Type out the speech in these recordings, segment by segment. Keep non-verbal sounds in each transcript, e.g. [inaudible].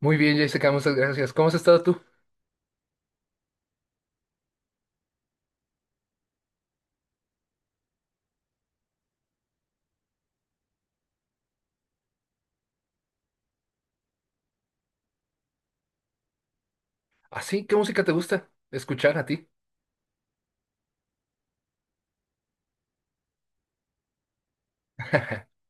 Muy bien, Jessica, muchas gracias. ¿Cómo has estado tú? ¿Ah, sí? ¿Qué música te gusta escuchar a ti? [laughs]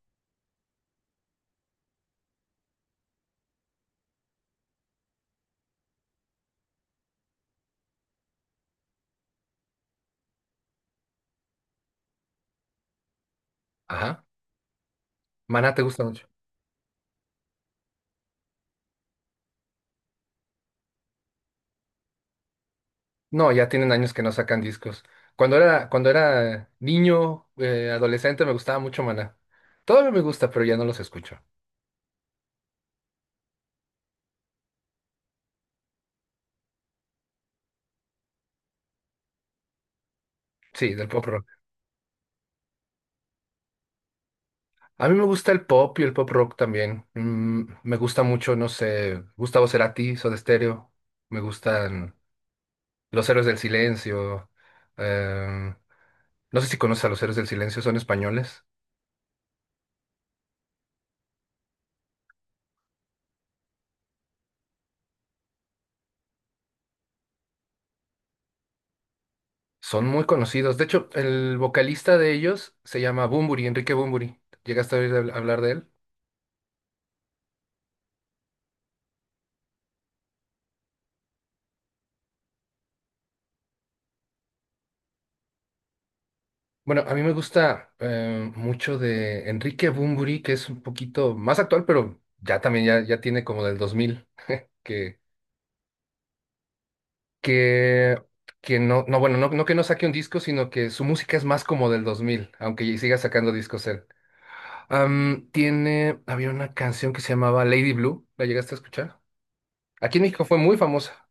Ajá. Maná te gusta mucho. No, ya tienen años que no sacan discos. Cuando era niño, adolescente, me gustaba mucho Maná. Todavía me gusta, pero ya no los escucho. Sí, del pop rock. A mí me gusta el pop y el pop rock también. Mm, me gusta mucho, no sé, Gustavo Cerati, Soda Stereo. Me gustan Los Héroes del Silencio. eh, no sé si conoces a Los Héroes del Silencio, son españoles. Son muy conocidos. De hecho, el vocalista de ellos se llama Bunbury, Enrique Bunbury. ¿Llegaste a oír hablar de él? Bueno, a mí me gusta mucho de Enrique Bunbury, que es un poquito más actual, pero ya también ya tiene como del 2000, que, que, que no, no, bueno, no que no saque un disco, sino que su música es más como del 2000, aunque siga sacando discos él. Tiene, había una canción que se llamaba Lady Blue, ¿la llegaste a escuchar? Aquí en México fue muy famosa.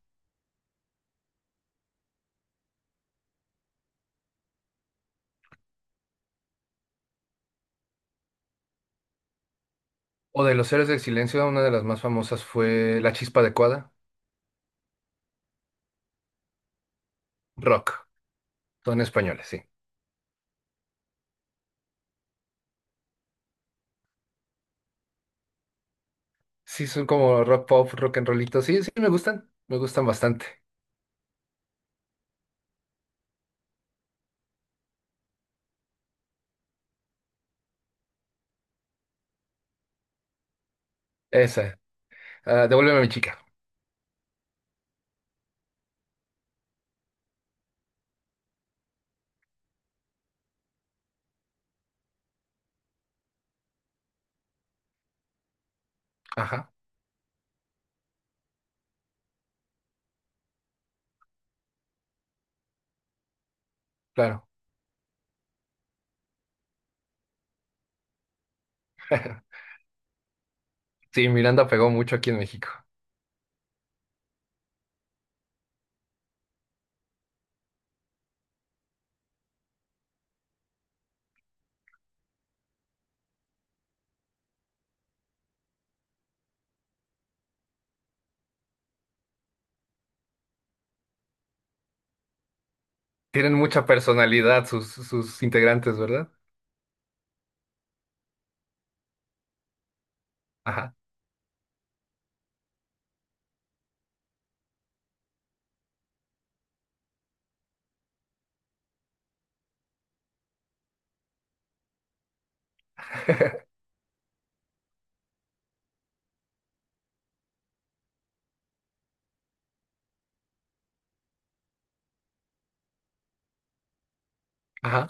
O de los Héroes del Silencio, una de las más famosas fue La Chispa Adecuada, rock, son españoles, sí. Sí, son como rock pop, rock and rollito, sí, sí, me gustan bastante. Esa, ah, Devuélveme a mi chica, ajá, claro. [laughs] Sí, Miranda pegó mucho aquí en México. Tienen mucha personalidad sus, sus integrantes, ¿verdad? Ajá. [laughs] Ajá.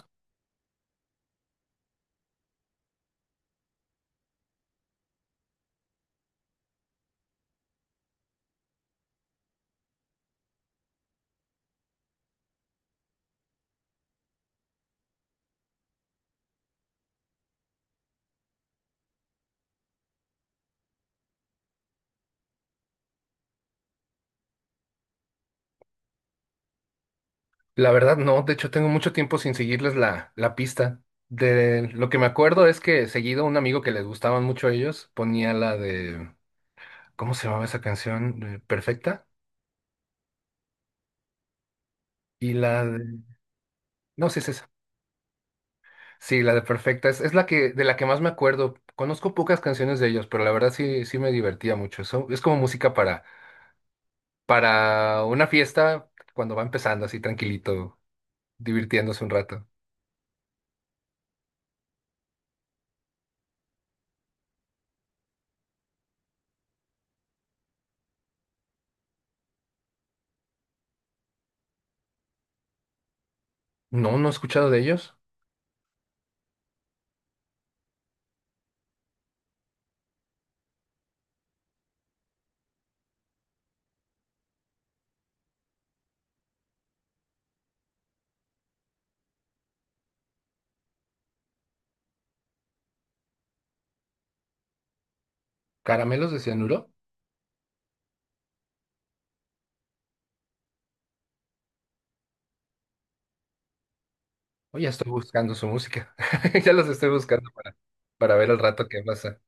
La verdad no, de hecho tengo mucho tiempo sin seguirles la, la pista. De lo que me acuerdo es que seguido un amigo que les gustaban mucho a ellos ponía la de ¿cómo se llamaba esa canción? ¿Perfecta? Y la de... No, sí es esa. Sí, la de Perfecta. Es la que, de la que más me acuerdo. Conozco pocas canciones de ellos, pero la verdad sí, sí me divertía mucho. Eso es como música para una fiesta cuando va empezando así tranquilito, divirtiéndose un rato. No, no he escuchado de ellos. ¿Caramelos de Cianuro? Oye, estoy buscando su música. [laughs] Ya los estoy buscando para ver el rato que pasa.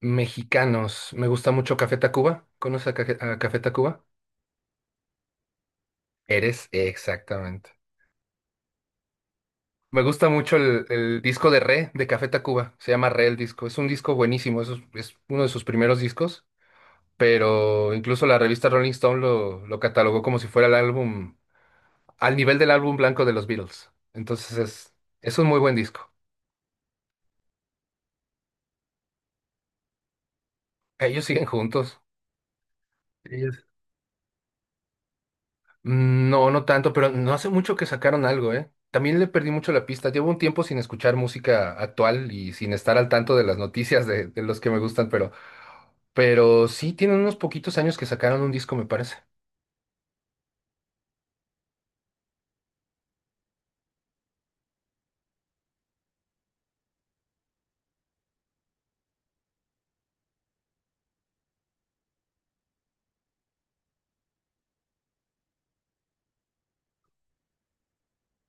Mexicanos. Me gusta mucho Café Tacuba. ¿Conoces a a Café Tacuba? Eres exactamente. Me gusta mucho el disco de Re de Café Tacuba. Se llama Re el disco. Es un disco buenísimo. Es uno de sus primeros discos. Pero incluso la revista Rolling Stone lo catalogó como si fuera el álbum, al nivel del álbum blanco de los Beatles. Entonces es un muy buen disco. Ellos siguen juntos. Mm, no, no tanto, pero no hace mucho que sacaron algo, ¿eh? También le perdí mucho la pista. Llevo un tiempo sin escuchar música actual y sin estar al tanto de las noticias de los que me gustan, pero sí tienen unos poquitos años que sacaron un disco, me parece.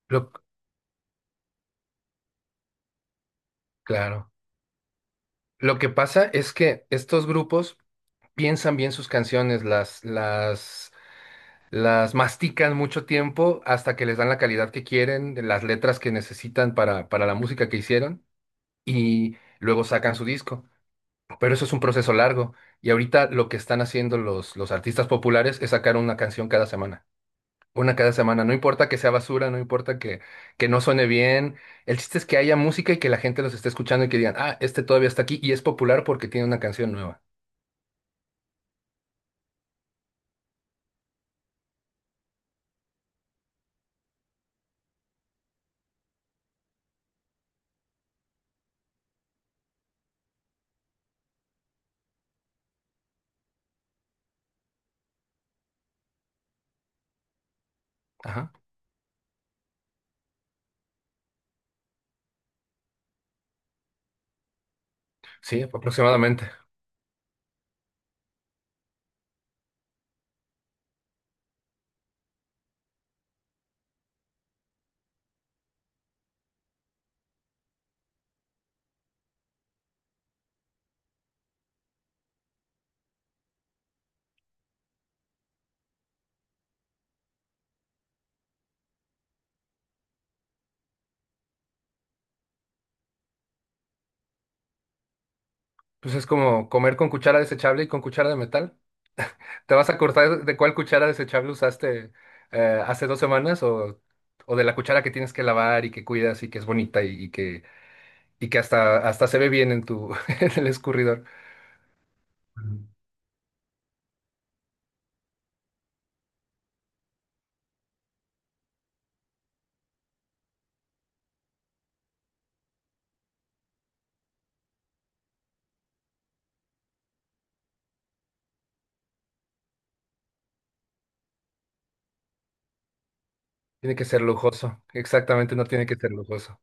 Lo, claro. Lo que pasa es que estos grupos piensan bien sus canciones, las mastican mucho tiempo hasta que les dan la calidad que quieren, las letras que necesitan para la música que hicieron y luego sacan su disco. Pero eso es un proceso largo. Y ahorita lo que están haciendo los artistas populares es sacar una canción cada semana. Una cada semana. No importa que sea basura, no importa que no suene bien. El chiste es que haya música y que la gente los esté escuchando y que digan, ah, este todavía está aquí y es popular porque tiene una canción nueva. Ajá. Sí, aproximadamente. Pues es como comer con cuchara desechable y con cuchara de metal. ¿Te vas a cortar de cuál cuchara desechable usaste hace 2 semanas o de la cuchara que tienes que lavar y que cuidas y que es bonita y que y que hasta, hasta se ve bien en tu, [laughs] en el escurridor. Ujú. Tiene que ser lujoso. Exactamente, no tiene que ser lujoso.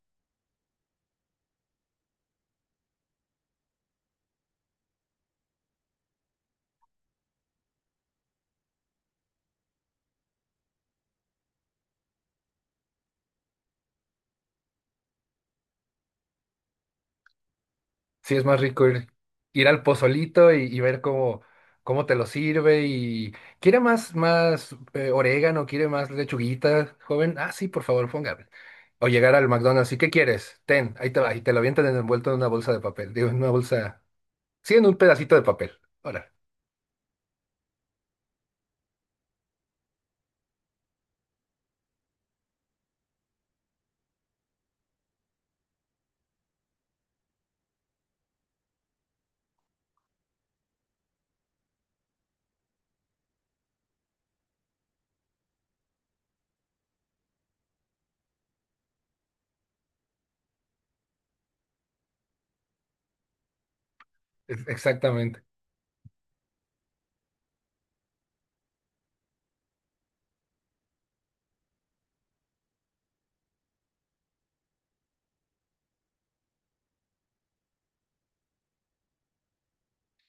Sí, es más rico ir, ir al pozolito y ver cómo, cómo te lo sirve. Y quiere más, más orégano, quiere más lechuguita, joven. Ah, sí, por favor, póngame. O llegar al McDonald's. ¿Y qué quieres? Ten, ahí te va. Y te lo avientan envuelto en una bolsa de papel. Digo, en una bolsa. Sí, en un pedacito de papel. Ahora. Exactamente.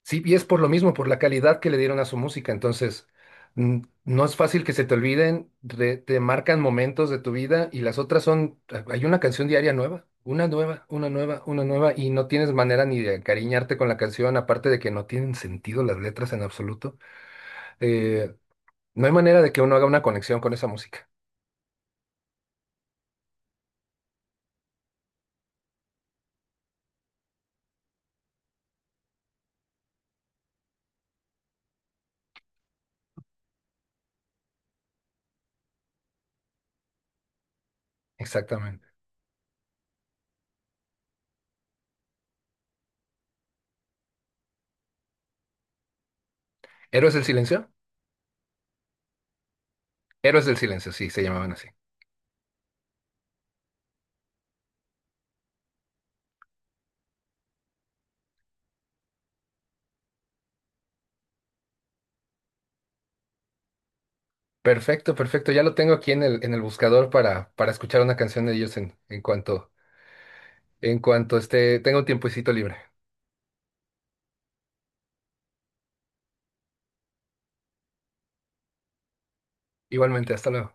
Sí, y es por lo mismo, por la calidad que le dieron a su música. Entonces, mm, no es fácil que se te olviden, re- te marcan momentos de tu vida y las otras son, ah, hay una canción diaria nueva, una nueva, una nueva, una nueva, y no tienes manera ni de encariñarte con la canción, aparte de que no tienen sentido las letras en absoluto. Eh, no hay manera de que uno haga una conexión con esa música. Exactamente. ¿Héroes del Silencio? Héroes del Silencio, sí, se llamaban así. Perfecto, perfecto. Ya lo tengo aquí en el buscador para escuchar una canción de ellos en cuanto, en cuanto esté, tenga un tiempecito libre. Igualmente, hasta luego.